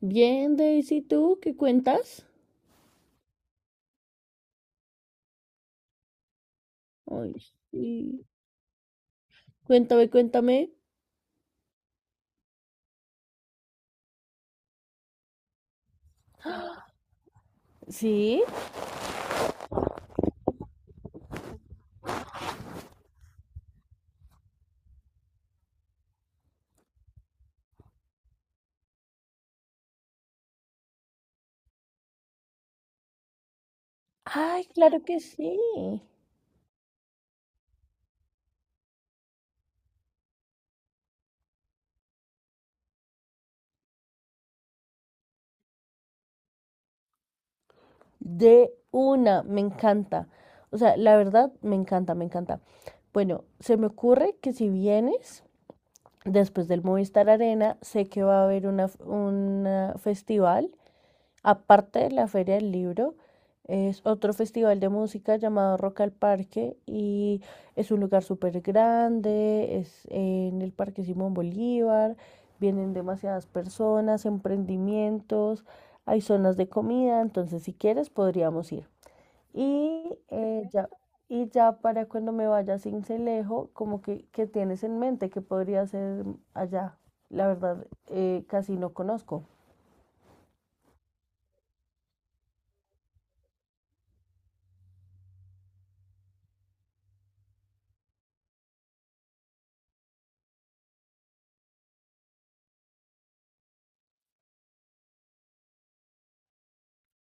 Bien, Daisy, ¿tú qué cuentas? Ay, sí. Cuéntame, cuéntame. ¿Sí? Ay, claro que sí. De una, me encanta. O sea, la verdad, me encanta, me encanta. Bueno, se me ocurre que si vienes después del Movistar Arena, sé que va a haber un festival aparte de la Feria del Libro, es otro festival de música llamado Rock al Parque y es un lugar súper grande, es en el Parque Simón Bolívar, vienen demasiadas personas, emprendimientos, hay zonas de comida, entonces si quieres podríamos ir. Y eh, ya, y ya para cuando me vaya a Cincelejo, como que, ¿qué tienes en mente que podría ser allá? La verdad, casi no conozco.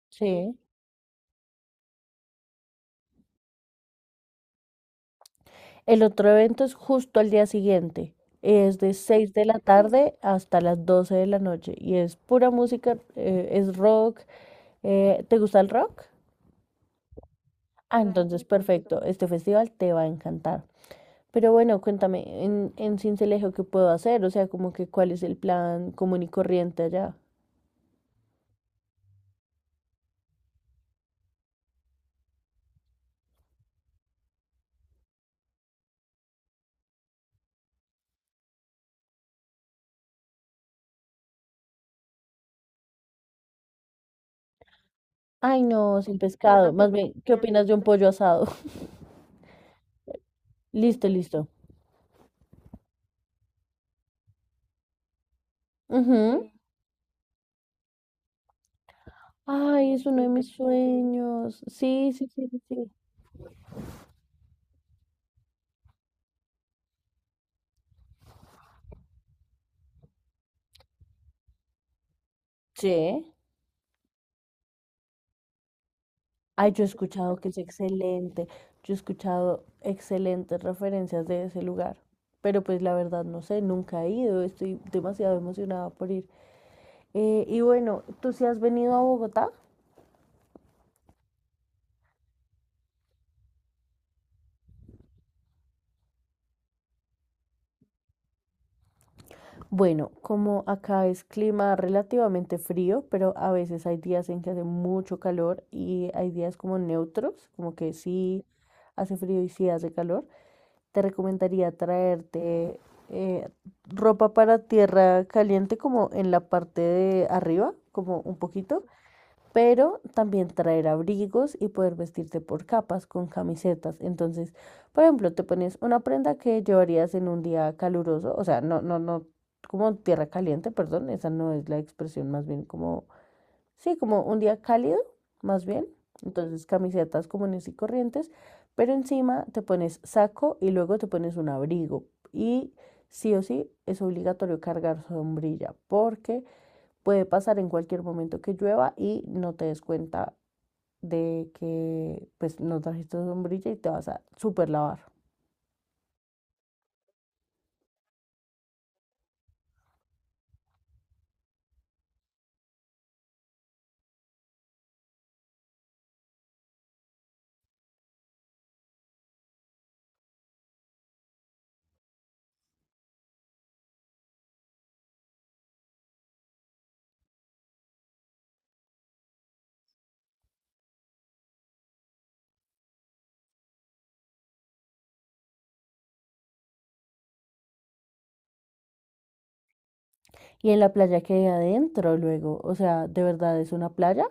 Sí. El otro evento es justo al día siguiente. Es de 6 de la tarde hasta las 12 de la noche y es pura música, es rock. ¿te gusta el rock? Ah, entonces perfecto, este festival te va a encantar. Pero bueno, cuéntame, en Sincelejo, ¿qué puedo hacer? O sea, como que cuál es el plan común y corriente allá. Ay, no, sin pescado. Más bien, ¿qué opinas de un pollo asado? Listo, listo. Ujú. Ay, es uno de mis sueños. Sí, sí, sí, sí. Sí. Sí. Ay, yo he escuchado que es excelente, yo he escuchado excelentes referencias de ese lugar, pero pues la verdad no sé, nunca he ido, estoy demasiado emocionada por ir. Y bueno, ¿tú sí has venido a Bogotá? Bueno, como acá es clima relativamente frío, pero a veces hay días en que hace mucho calor y hay días como neutros, como que sí hace frío y sí hace calor. Te recomendaría traerte eh, ropa para tierra caliente como en la parte de arriba, como un poquito, pero también traer abrigos y poder vestirte por capas con camisetas. Entonces, por ejemplo, te pones una prenda que llevarías en un día caluroso, o sea, no, no, no, como tierra caliente, perdón, esa no es la expresión, más bien como sí, como un día cálido, más bien. Entonces camisetas comunes y corrientes, pero encima te pones saco y luego te pones un abrigo. Y sí o sí es obligatorio cargar sombrilla porque puede pasar en cualquier momento que llueva y no te des cuenta de que pues no trajiste sombrilla y te vas a super lavar. Y en la playa que hay adentro luego, o sea, ¿de verdad es una playa?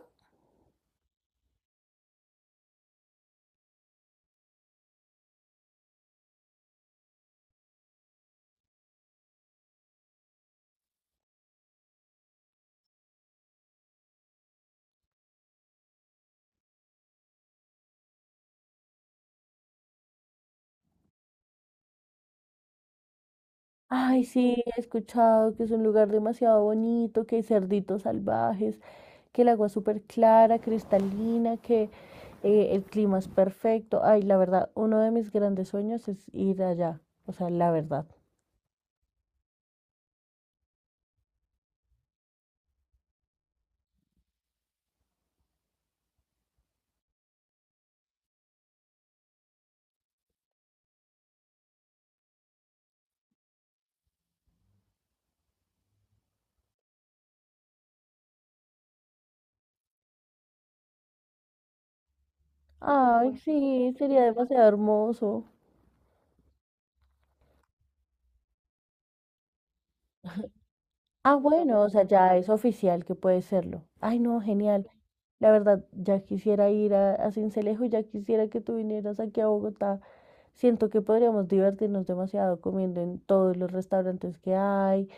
Ay, sí, he escuchado que es un lugar demasiado bonito, que hay cerditos salvajes, que el agua es súper clara, cristalina, que el clima es perfecto. Ay, la verdad, uno de mis grandes sueños es ir allá, o sea, la verdad. Ay, sí, sería demasiado hermoso. Ah, bueno, o sea, ya es oficial que puede serlo. Ay, no, genial. La verdad, ya quisiera ir a Sincelejo, ya quisiera que tú vinieras aquí a Bogotá. Siento que podríamos divertirnos demasiado comiendo en todos los restaurantes que hay.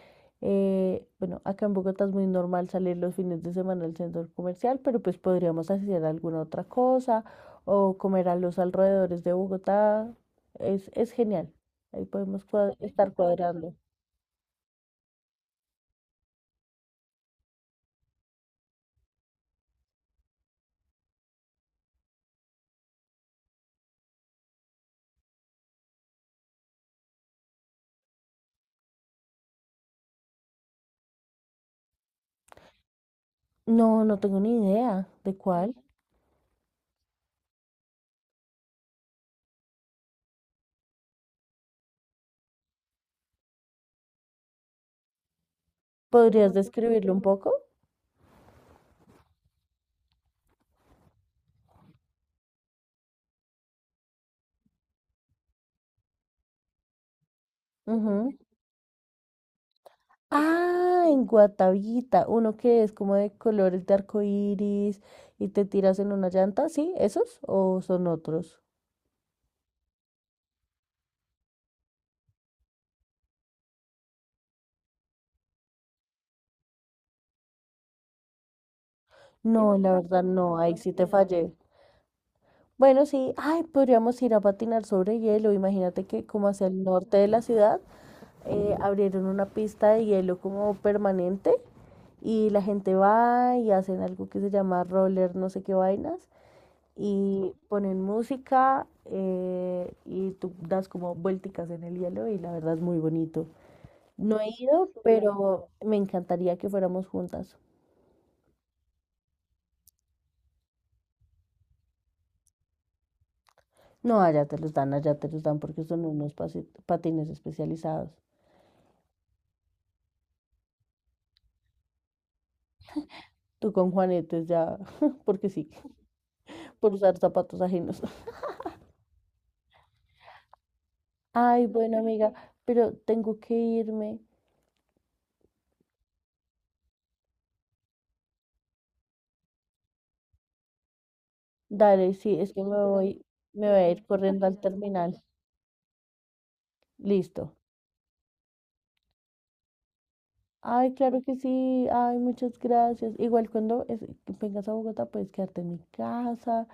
Bueno, acá en Bogotá es muy normal salir los fines de semana al centro comercial, pero pues podríamos hacer alguna otra cosa o comer a los alrededores de Bogotá. Es genial. Ahí podemos estar cuadrando. No, no tengo ni idea de cuál. ¿Podrías describirlo un poco? Ah, en Guatavita, uno que es como de colores de arco iris y te tiras en una llanta, ¿sí? ¿Esos o son otros? No, la verdad no, ahí sí te fallé. Bueno, sí, ay, podríamos ir a patinar sobre hielo. Imagínate que como hacia el norte de la ciudad abrieron una pista de hielo como permanente y la gente va y hacen algo que se llama roller, no sé qué vainas. Y ponen música y tú das como vuelticas en el hielo y la verdad es muy bonito. No he ido, pero me encantaría que fuéramos juntas. No, allá te los dan, allá te los dan porque son unos patines especializados. Tú con Juanetes ya, porque sí, por usar zapatos ajenos. Ay, bueno, amiga, pero tengo que irme. Dale, sí, es que me voy a ir corriendo al terminal. Listo. Ay, claro que sí. Ay, muchas gracias. Igual cuando vengas a Bogotá puedes quedarte en mi casa,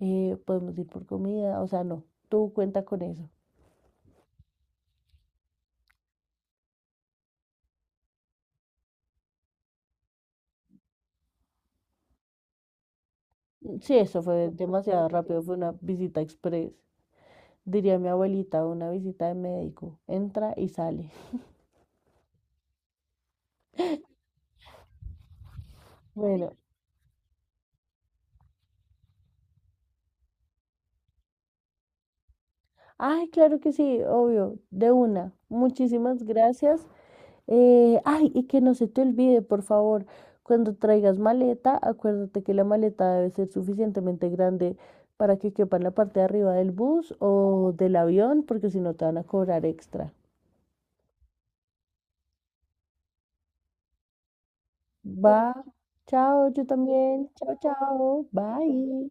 podemos ir por comida. O sea, no, tú cuenta con eso. Sí, eso fue demasiado rápido, fue una visita express. Diría mi abuelita, una visita de médico. Entra y sale. Bueno, ay, claro que sí, obvio, de una. Muchísimas gracias. Ay, y que no se te olvide, por favor, cuando traigas maleta, acuérdate que la maleta debe ser suficientemente grande para que quepa en la parte de arriba del bus o del avión, porque si no te van a cobrar extra. Va, chao, yo también. Chao, chao, bye.